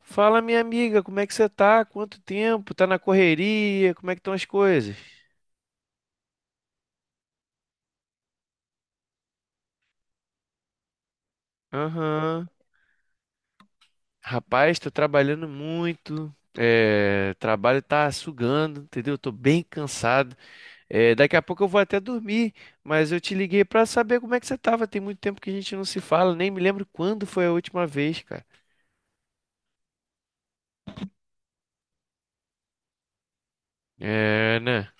Fala, minha amiga, como é que você tá? Quanto tempo? Tá na correria? Como é que estão as coisas? Aham. Rapaz, tô trabalhando muito. É, trabalho tá sugando, entendeu? Tô bem cansado. É, daqui a pouco eu vou até dormir, mas eu te liguei pra saber como é que você tava. Tem muito tempo que a gente não se fala, nem me lembro quando foi a última vez, cara. É, né?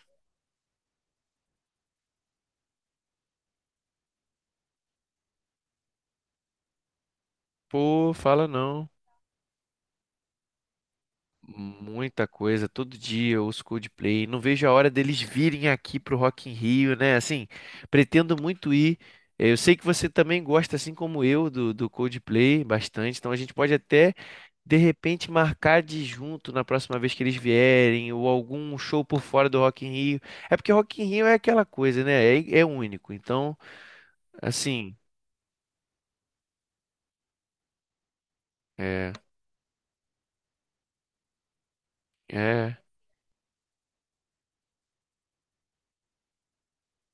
Pô, fala não. Muita coisa, todo dia os Coldplay. Não vejo a hora deles virem aqui pro Rock in Rio, né? Assim, pretendo muito ir. Eu sei que você também gosta, assim como eu, do Coldplay bastante. Então a gente pode até, de repente, marcar de junto na próxima vez que eles vierem, ou algum show por fora do Rock in Rio. É porque Rock in Rio é aquela coisa, né? É, é único. Então, assim, é, é,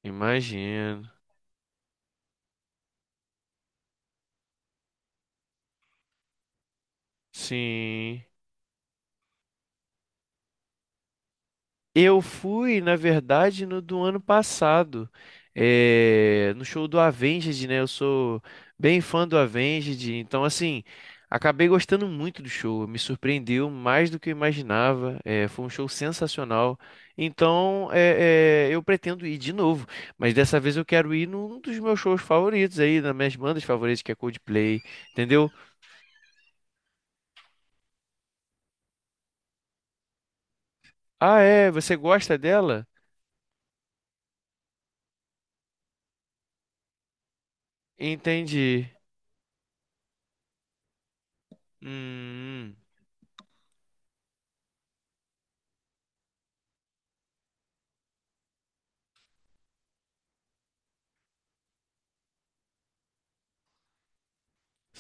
imagino. Sim. Eu fui, na verdade, no do ano passado, no show do Avenged, né? Eu sou bem fã do Avenged, então, assim, acabei gostando muito do show, me surpreendeu mais do que eu imaginava, foi um show sensacional. Então, eu pretendo ir de novo, mas dessa vez eu quero ir num dos meus shows favoritos aí, das minhas bandas favoritas, que é Coldplay, entendeu? Ah, é? Você gosta dela? Entendi. Hum,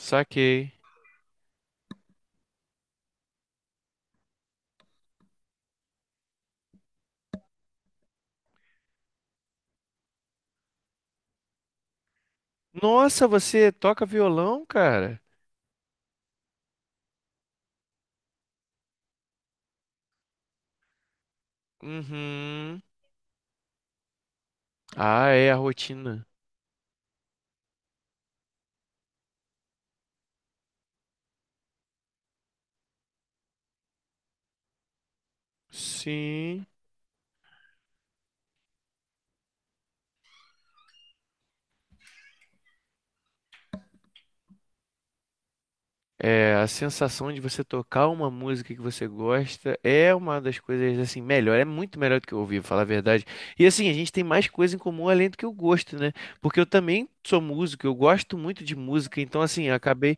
saquei. Nossa, você toca violão, cara? Uhum. Ah, é a rotina. Sim. É, a sensação de você tocar uma música que você gosta é uma das coisas assim melhor, é muito melhor do que ouvir, pra falar a verdade. E assim, a gente tem mais coisa em comum além do que o gosto, né? Porque eu também sou músico, eu gosto muito de música, então assim, acabei.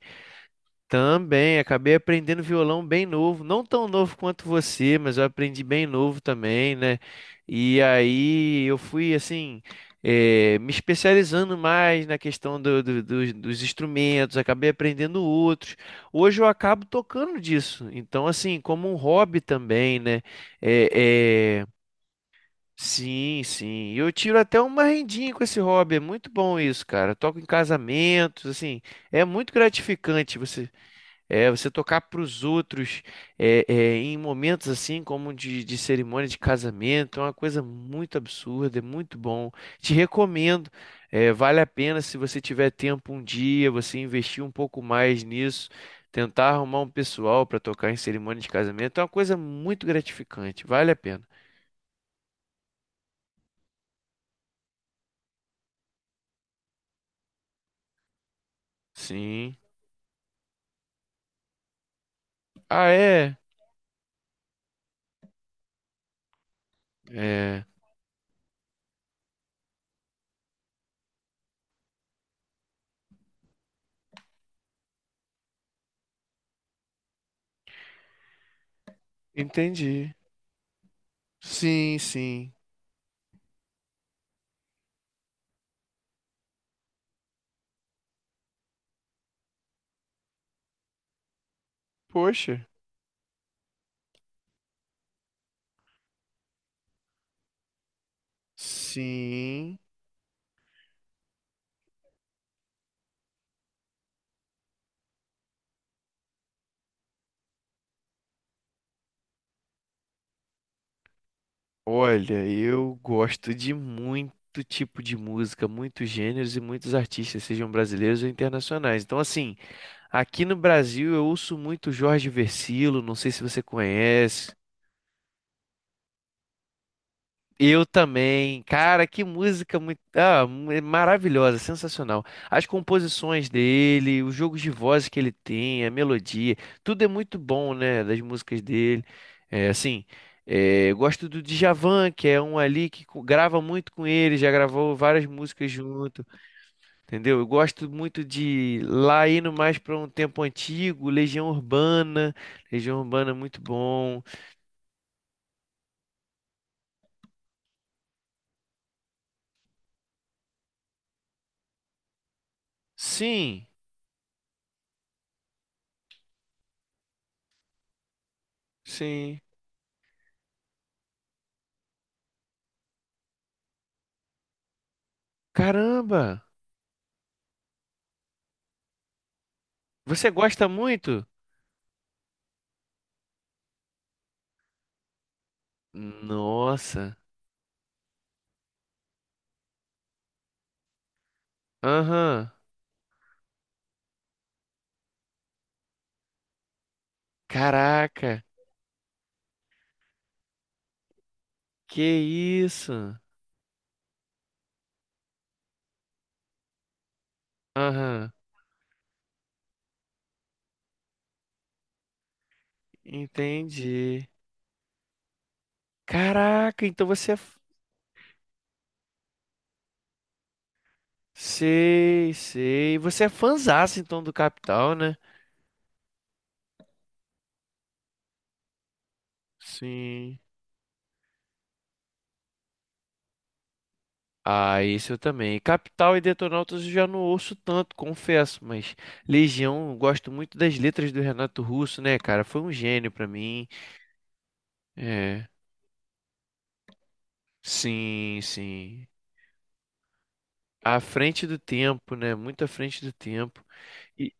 Também, acabei aprendendo violão bem novo, não tão novo quanto você, mas eu aprendi bem novo também, né? E aí eu fui assim, me especializando mais na questão dos instrumentos, acabei aprendendo outros. Hoje eu acabo tocando disso, então assim, como um hobby também, né? É, é, sim, sim. E eu tiro até uma rendinha com esse hobby. É muito bom isso, cara. Eu toco em casamentos, assim. É muito gratificante você é, você tocar para os outros é, é, em momentos assim como de cerimônia de casamento é uma coisa muito absurda, é muito bom. Te recomendo, é, vale a pena se você tiver tempo um dia, você investir um pouco mais nisso, tentar arrumar um pessoal para tocar em cerimônia de casamento é uma coisa muito gratificante, vale a pena. Sim. Ah, é? É. Entendi. Sim, sim. Poxa. Sim. Olha, eu gosto de muito tipo de música, muitos gêneros e muitos artistas, sejam brasileiros ou internacionais. Então, assim, aqui no Brasil eu ouço muito Jorge Vercillo, não sei se você conhece. Eu também. Cara, que música muito, ah, é maravilhosa, sensacional. As composições dele, os jogos de voz que ele tem, a melodia, tudo é muito bom, né, das músicas dele. É, assim, é, eu gosto do Djavan, que é um ali que grava muito com ele, já gravou várias músicas junto, entendeu? Eu gosto muito de lá indo mais para um tempo antigo, Legião Urbana. Legião Urbana é muito bom. Sim, sim. Caramba! Você gosta muito? Nossa. Aham. Caraca. Que isso? Aham. Entendi. Caraca, então você é. Sei, sei. Você é fãzaço então do Capital, né? Sim. Ah, isso eu também. Capital e Detonautas eu já não ouço tanto, confesso, mas Legião, eu gosto muito das letras do Renato Russo, né, cara? Foi um gênio pra mim. É. Sim, sim. À frente do tempo, né? Muito à frente do tempo. E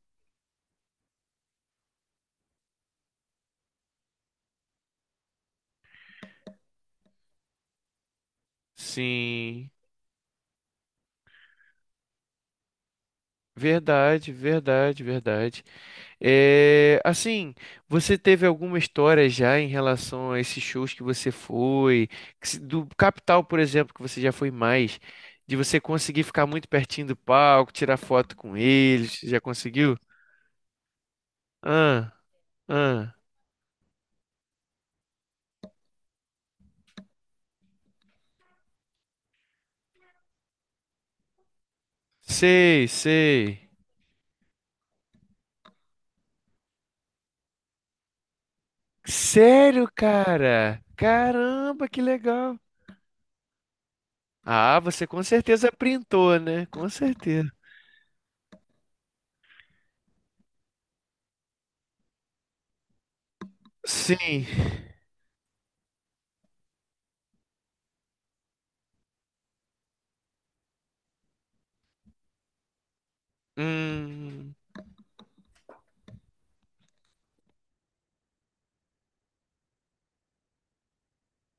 sim, verdade, verdade, verdade. É, assim, você teve alguma história já em relação a esses shows que você foi, que do Capital, por exemplo, que você já foi mais, de você conseguir ficar muito pertinho do palco, tirar foto com eles, já conseguiu? Ah, ah, sei, sei. Sério, cara? Caramba, que legal! Ah, você com certeza printou, né? Com certeza. Sim. Hum,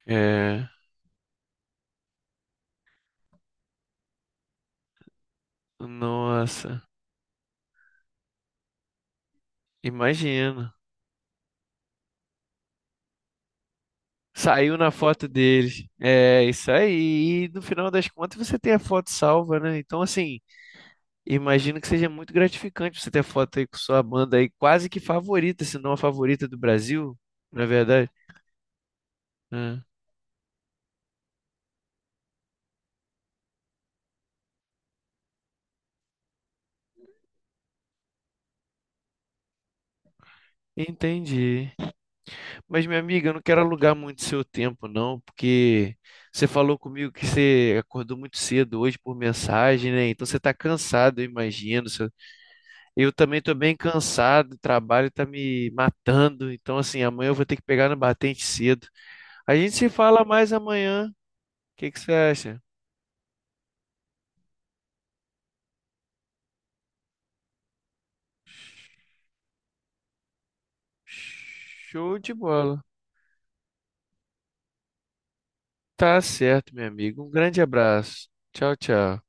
é. Nossa, imagino. Saiu na foto deles. É, isso aí. E no final das contas você tem a foto salva, né? Então, assim, imagino que seja muito gratificante você ter a foto aí com sua banda aí, quase que favorita, se não a favorita do Brasil, na verdade. É, entendi. Mas, minha amiga, eu não quero alugar muito seu tempo, não, porque você falou comigo que você acordou muito cedo hoje por mensagem, né? Então você está cansado, eu imagino. Eu também estou bem cansado, o trabalho está me matando. Então, assim, amanhã eu vou ter que pegar no batente cedo. A gente se fala mais amanhã. O que que você acha? Show de bola. Tá certo, meu amigo. Um grande abraço. Tchau, tchau.